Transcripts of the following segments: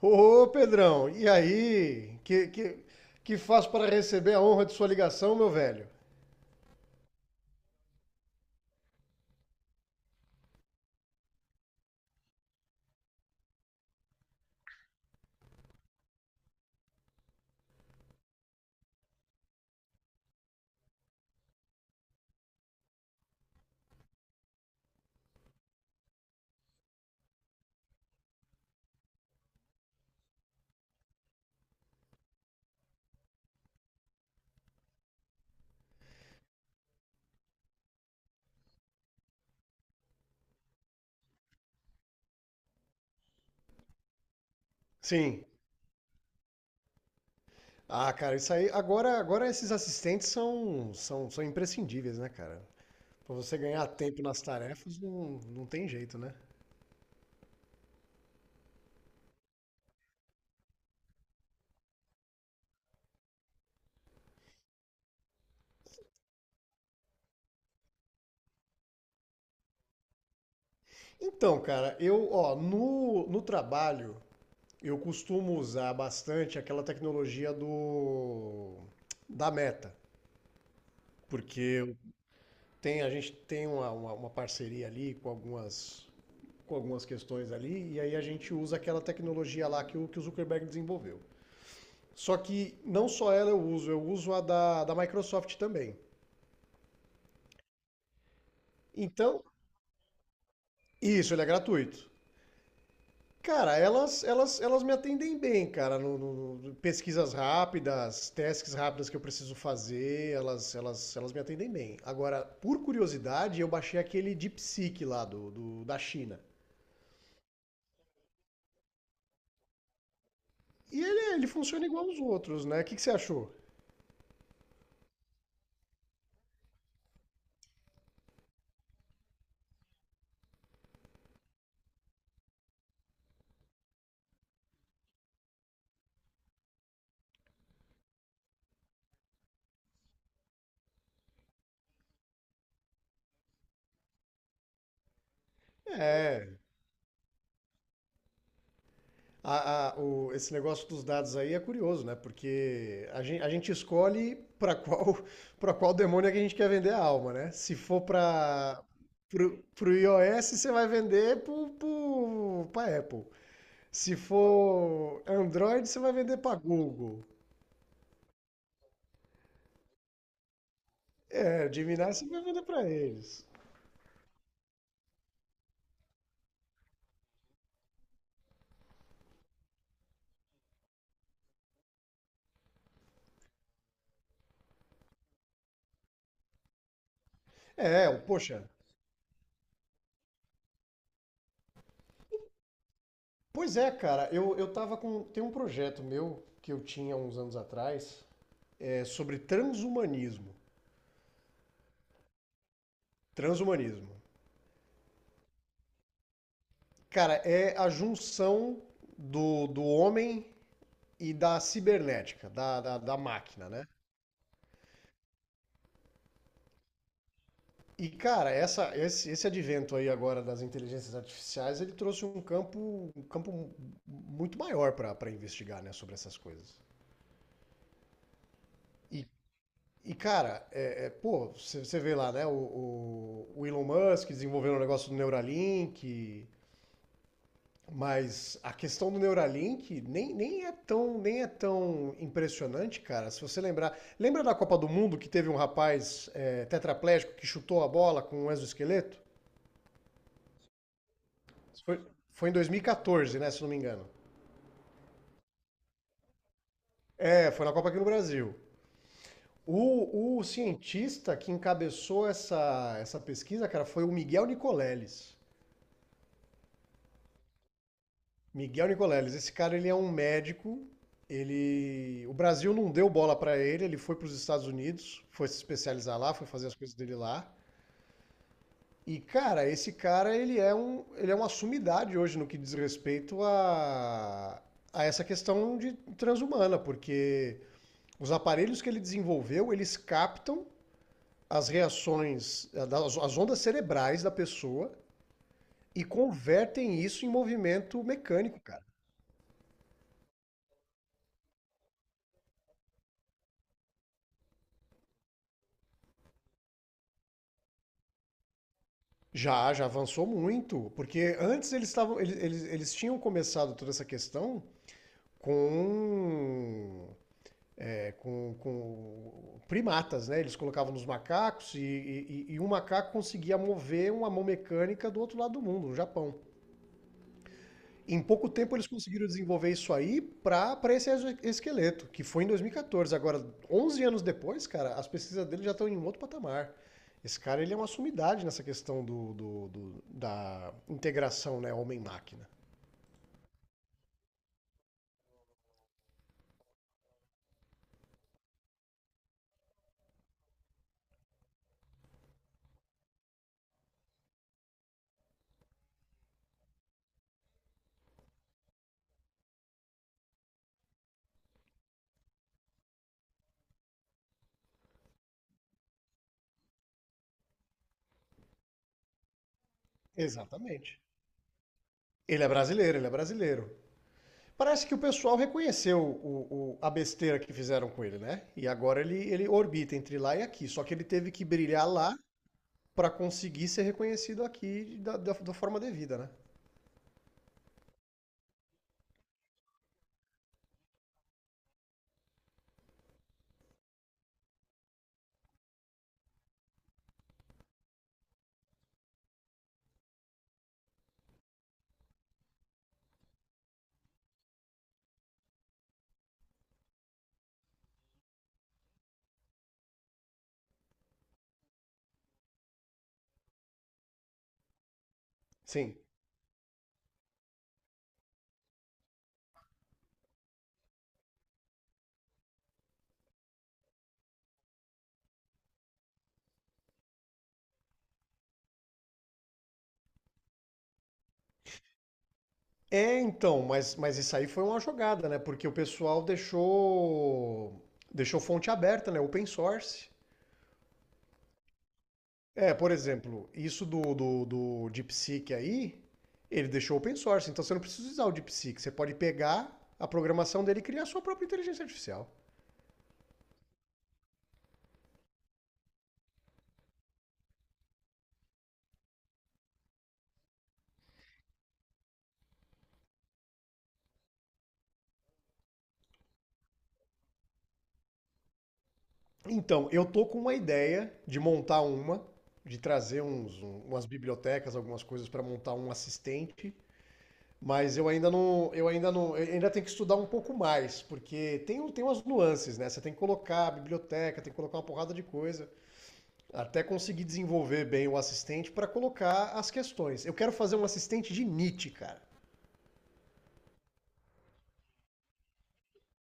Ô, Pedrão, e aí? Que faz para receber a honra de sua ligação, meu velho? Sim. Ah, cara, isso aí. Agora esses assistentes são imprescindíveis, né, cara? Para você ganhar tempo nas tarefas, não tem jeito, né? Então, cara, eu, ó, no trabalho, eu costumo usar bastante aquela tecnologia do da Meta, porque a gente tem uma parceria ali com algumas questões ali, e aí a gente usa aquela tecnologia lá que o Zuckerberg desenvolveu. Só que não só ela eu uso, a da Microsoft também. Então, isso, ele é gratuito. Cara, elas me atendem bem, cara, no pesquisas rápidas, tasks rápidas que eu preciso fazer, elas me atendem bem. Agora, por curiosidade, eu baixei aquele DeepSeek lá da China. E ele funciona igual aos outros, né? O que que você achou? É, esse negócio dos dados aí é curioso, né? Porque a gente escolhe para qual demônio é que a gente quer vender a alma, né? Se for para pro, pro iOS, você vai vender pro, pro, pra Apple. Se for Android, você vai vender para Google. É, Gemini você vai vender para eles. É, poxa. Pois é, cara. Eu tava com. Tem um projeto meu que eu tinha uns anos atrás sobre transhumanismo. Transhumanismo. Cara, é a junção do homem e da cibernética, da máquina, né? E, cara, esse advento aí agora das inteligências artificiais, ele trouxe um campo muito maior para pra investigar, né, sobre essas coisas. E, e cara, pô, você vê lá, né, o Elon Musk desenvolvendo o negócio do Neuralink. Mas a questão do Neuralink nem é tão impressionante, cara. Se você lembrar. Lembra da Copa do Mundo que teve um rapaz tetraplégico que chutou a bola com um exoesqueleto? Isso. Foi em 2014, né? Se não me engano. É, foi na Copa aqui no Brasil. O cientista que encabeçou essa pesquisa, cara, foi o Miguel Nicoleles. Miguel Nicoleles, esse cara ele é um médico. O Brasil não deu bola pra ele, ele foi pros Estados Unidos, foi se especializar lá, foi fazer as coisas dele lá. E cara, esse cara ele é uma sumidade hoje no que diz respeito a essa questão de transhumana, porque os aparelhos que ele desenvolveu, eles captam as reações, as ondas cerebrais da pessoa e convertem isso em movimento mecânico, cara. Já avançou muito, porque antes eles estavam, eles tinham começado toda essa questão com, com primatas, né? Eles colocavam nos macacos e um macaco conseguia mover uma mão mecânica do outro lado do mundo, no Japão. Em pouco tempo eles conseguiram desenvolver isso aí para esse esqueleto, que foi em 2014. Agora, 11 anos depois, cara, as pesquisas dele já estão em um outro patamar. Esse cara ele é uma sumidade nessa questão da integração, né, homem-máquina. Exatamente. Ele é brasileiro, ele é brasileiro. Parece que o pessoal reconheceu a besteira que fizeram com ele, né? E agora ele orbita entre lá e aqui. Só que ele teve que brilhar lá para conseguir ser reconhecido aqui da forma devida, né? Sim. É, então, mas isso aí foi uma jogada, né? Porque o pessoal deixou fonte aberta, né? Open source. É, por exemplo, isso do DeepSeek aí, ele deixou open source, então você não precisa usar o DeepSeek, você pode pegar a programação dele e criar a sua própria inteligência artificial. Então, eu tô com uma ideia de trazer umas bibliotecas, algumas coisas para montar um assistente. Mas eu ainda não, eu ainda não, eu ainda tenho que estudar um pouco mais, porque tem umas nuances, né? Você tem que colocar a biblioteca, tem que colocar uma porrada de coisa, até conseguir desenvolver bem o assistente para colocar as questões. Eu quero fazer um assistente de Nietzsche, cara.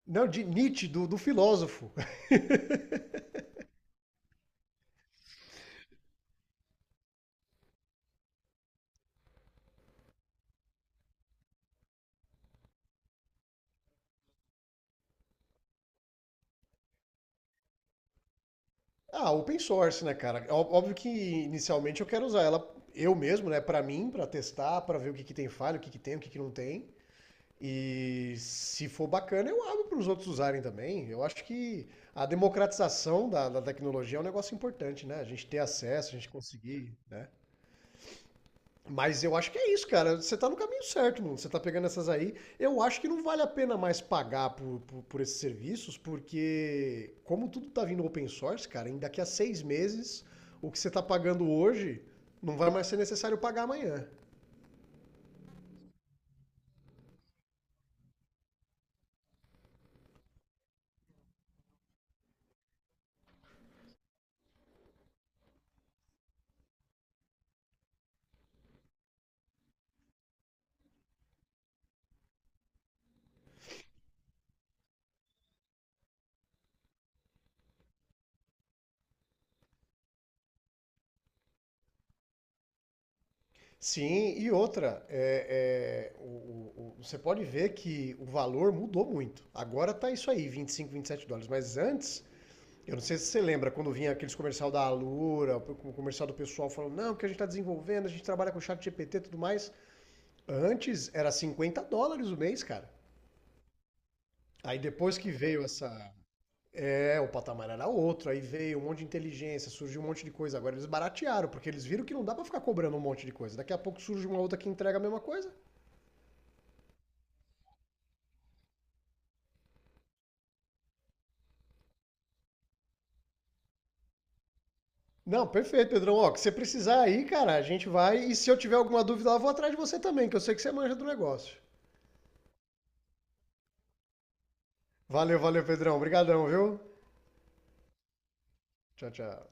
Não, de Nietzsche, do filósofo. Ah, open source, né, cara? Óbvio que inicialmente eu quero usar ela eu mesmo, né, para mim, para testar, para ver o que que tem falha, o que que tem, o que que não tem. E se for bacana, eu abro para os outros usarem também. Eu acho que a democratização da tecnologia é um negócio importante, né? A gente ter acesso, a gente conseguir, né? Mas eu acho que é isso, cara. Você tá no caminho certo, mano. Você tá pegando essas aí. Eu acho que não vale a pena mais pagar por esses serviços, porque como tudo tá vindo open source, cara, em daqui a 6 meses, o que você tá pagando hoje não vai mais ser necessário pagar amanhã. Sim, e outra, você pode ver que o valor mudou muito. Agora tá isso aí, 20 25 US$ 27. Mas antes, eu não sei se você lembra, quando vinha aqueles comercial da Alura, o comercial do pessoal falando, não, que a gente está desenvolvendo, a gente trabalha com chat GPT e tudo mais. Antes era US$ 50 o mês, cara. Aí depois que veio essa. É, o patamar era outro, aí veio um monte de inteligência, surgiu um monte de coisa. Agora eles baratearam, porque eles viram que não dá pra ficar cobrando um monte de coisa. Daqui a pouco surge uma outra que entrega a mesma coisa. Não, perfeito, Pedrão. Ó, que você precisar aí, cara, a gente vai. E se eu tiver alguma dúvida lá, eu vou atrás de você também, que eu sei que você manja do negócio. Valeu, valeu, Pedrão. Obrigadão, viu? Tchau, tchau.